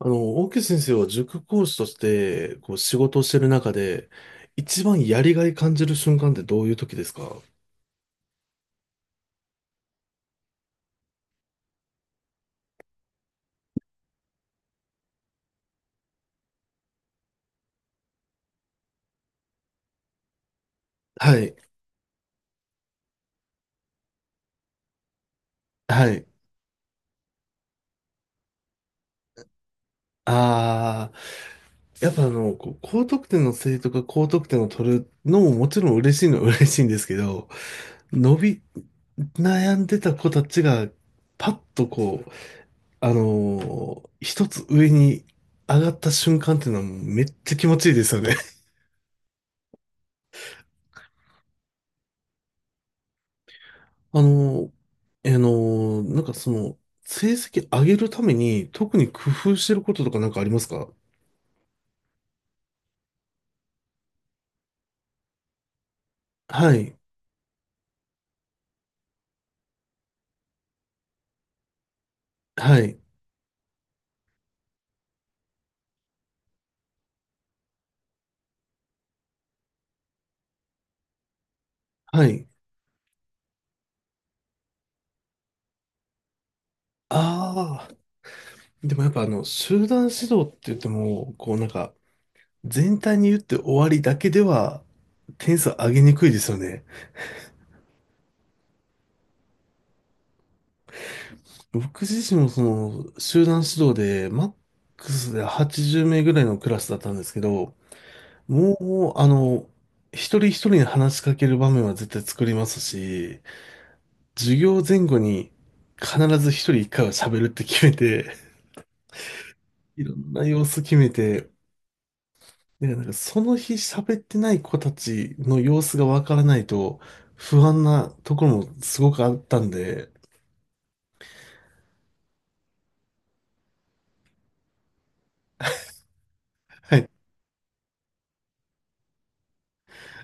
大木先生は塾講師として、こう、仕事をしてる中で、一番やりがい感じる瞬間ってどういう時ですか？はい、はい。ああ、やっぱこう、高得点の生徒が高得点を取るのももちろん嬉しいのは嬉しいんですけど、伸び、悩んでた子たちが、パッとこう、あの一つ上に上がった瞬間っていうのはもうめっちゃ気持ちいいですよね。あの、えーの、なんかその、成績上げるために特に工夫してることとかなんかありますか？はい、はい、はい。ああ、でもやっぱ集団指導って言っても、こうなんか、全体に言って終わりだけでは、点数上げにくいですよね。僕自身もその、集団指導で、マックスで80名ぐらいのクラスだったんですけど、もう、一人一人に話しかける場面は絶対作りますし、授業前後に必ず一人一回は喋るって決めて、いろんな様子決めて、だからなんかその日喋ってない子たちの様子がわからないと不安なところもすごくあったんで、はい、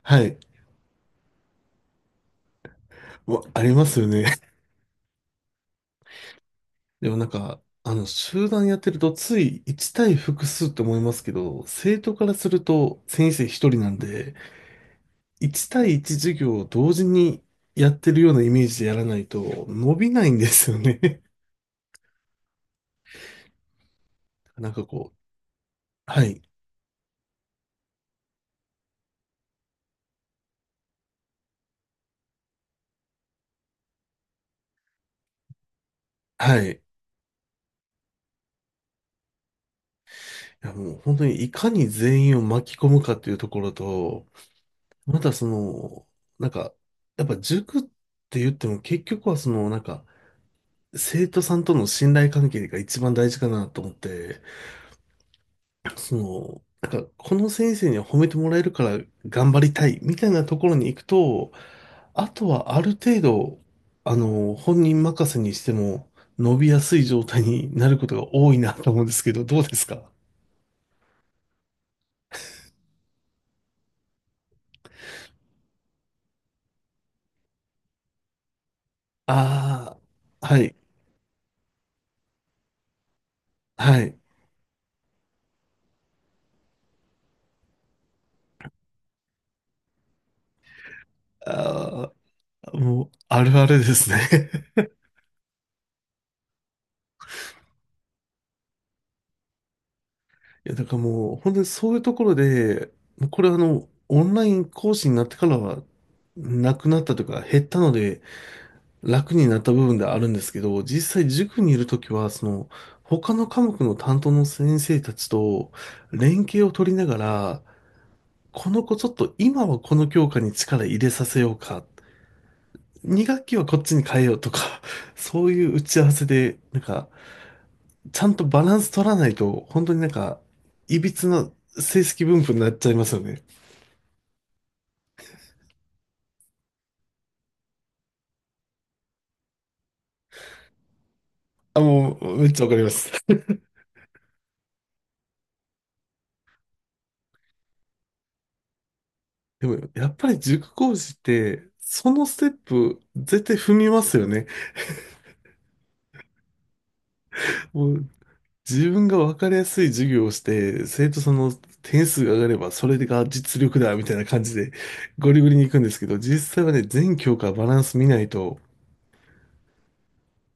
はい、ありますよね。でもなんか、集団やってるとつい1対複数って思いますけど、生徒からすると先生一人なんで、1対1授業を同時にやってるようなイメージでやらないと伸びないんですよね。なんかこう、はい、はい。いやもう本当にいかに全員を巻き込むかっていうところと、またその、なんか、やっぱ塾って言っても結局はその、なんか、生徒さんとの信頼関係が一番大事かなと思って、その、なんか、この先生には褒めてもらえるから頑張りたいみたいなところに行くと、あとはある程度、本人任せにしても伸びやすい状態になることが多いなと思うんですけど、どうですか？ああ、はい、はい。ああ、もう、あるあるですね。いや、だからもう、本当にそういうところで、もうこれオンライン講師になってからは、なくなったというか、減ったので、楽になった部分ではあるんですけど、実際塾にいるときは、その、他の科目の担当の先生たちと連携を取りながら、この子ちょっと今はこの教科に力入れさせようか2学期はこっちに変えようとか、そういう打ち合わせで、なんか、ちゃんとバランス取らないと、本当になんか、いびつな成績分布になっちゃいますよね。あ、もう、めっちゃわかります。でも、やっぱり塾講師って、そのステップ、絶対踏みますよね。もう、自分がわかりやすい授業をして、生徒さんの点数が上がれば、それが実力だ、みたいな感じで、ゴリゴリに行くんですけど、実際はね、全教科バランス見ないと、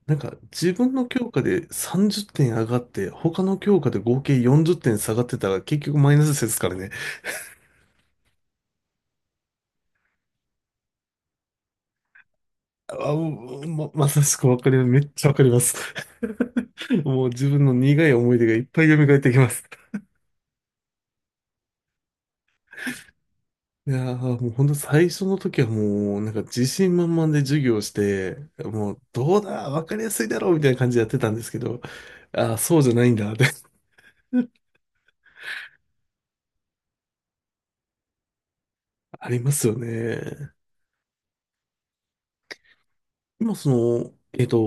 なんか自分の教科で30点上がって、他の教科で合計40点下がってたら結局マイナスですからね。あ、もうまさしくわかります。めっちゃわかります。もう自分の苦い思い出がいっぱい蘇ってきます。いやー、もうほんと最初の時はもうなんか自信満々で授業をして、もうどうだ、わかりやすいだろうみたいな感じでやってたんですけど、あー、そうじゃないんだって ありますよね。今その、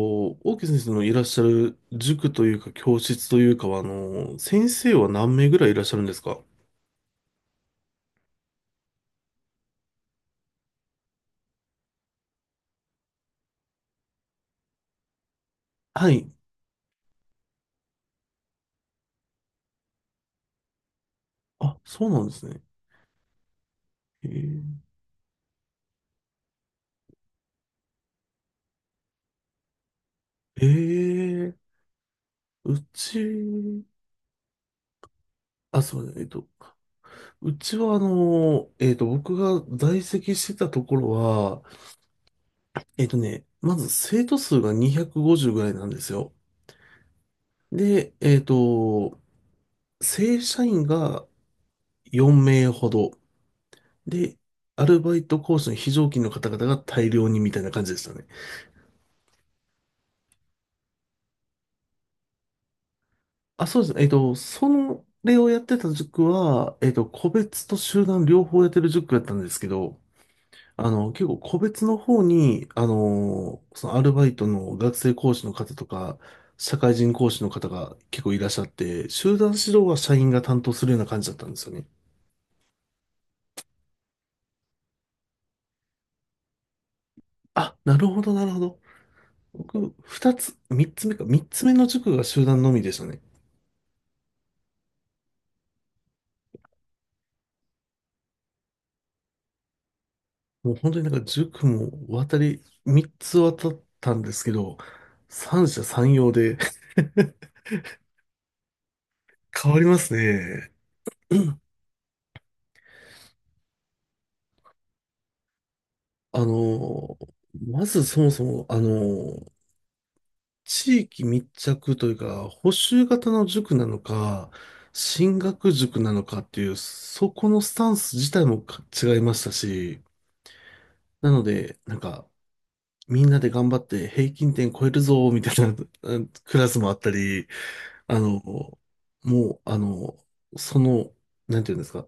大木先生のいらっしゃる塾というか教室というかは、先生は何名ぐらいいらっしゃるんですか？はい。あ、そうなんですね。えー、えーうち、あ、すみません。うちは僕が在籍してたところは、まず生徒数が250ぐらいなんですよ。で、正社員が4名ほど。で、アルバイトコースの非常勤の方々が大量にみたいな感じでしたね。あ、そうですね。その例をやってた塾は、個別と集団両方やってる塾だったんですけど、結構個別の方に、そのアルバイトの学生講師の方とか、社会人講師の方が結構いらっしゃって、集団指導は社員が担当するような感じだったんですよね。あ、なるほど、なるほど。僕、二つ、三つ目か、三つ目の塾が集団のみでしたね。もう本当になんか塾も渡り、3つ渡ったんですけど、三者三様で 変わりますね。うん。あの、まずそもそも、地域密着というか、補習型の塾なのか、進学塾なのかっていう、そこのスタンス自体もか違いましたし、なので、なんか、みんなで頑張って平均点超えるぞ、みたいなうんクラスもあったり、あの、もう、その、なんていうんですか、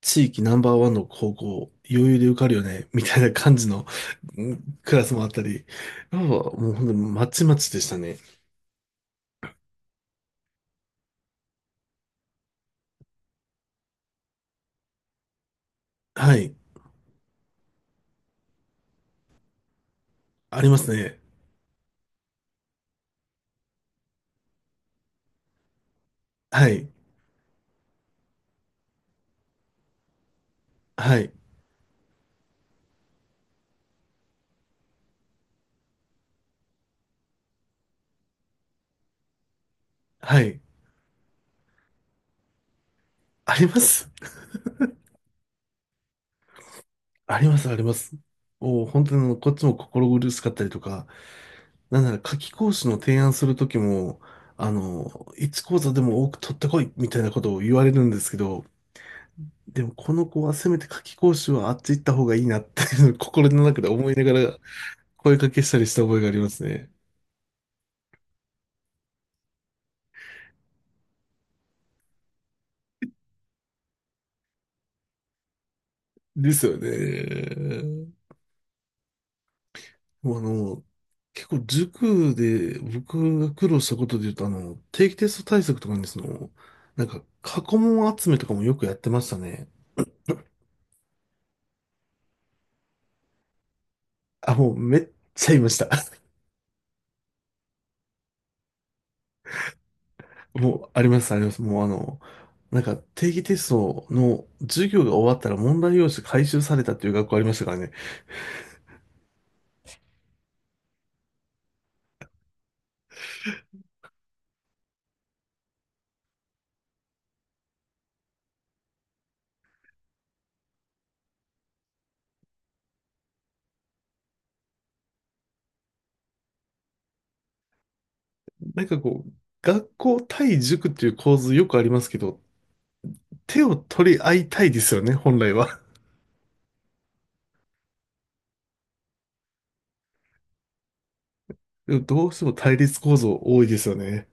地域ナンバーワンの高校、余裕で受かるよね、みたいな感じのうんクラスもあったり、やっぱもう本当にまちまちでしたね。はい。ありますね。はい。はい。はい。あります。あります、あります。お、本当にこっちも心苦しかったりとか、なんなら夏期講師の提案するときも、あの、1講座でも多く取ってこい、みたいなことを言われるんですけど、でもこの子はせめて夏期講習はあっち行った方がいいなっていうのを 心の中で思いながら声かけしたりした覚えがありますね。ですよね。もう結構塾で僕が苦労したことで言うと定期テスト対策とかにその、なんか過去問集めとかもよくやってましたね。あ、もうめっちゃいました。もうあります、あります。もうなんか定期テストの授業が終わったら問題用紙回収されたっていう学校ありましたからね。なんかこう、学校対塾っていう構図よくありますけど、手を取り合いたいですよね、本来は。でもどうしても対立構造多いですよね。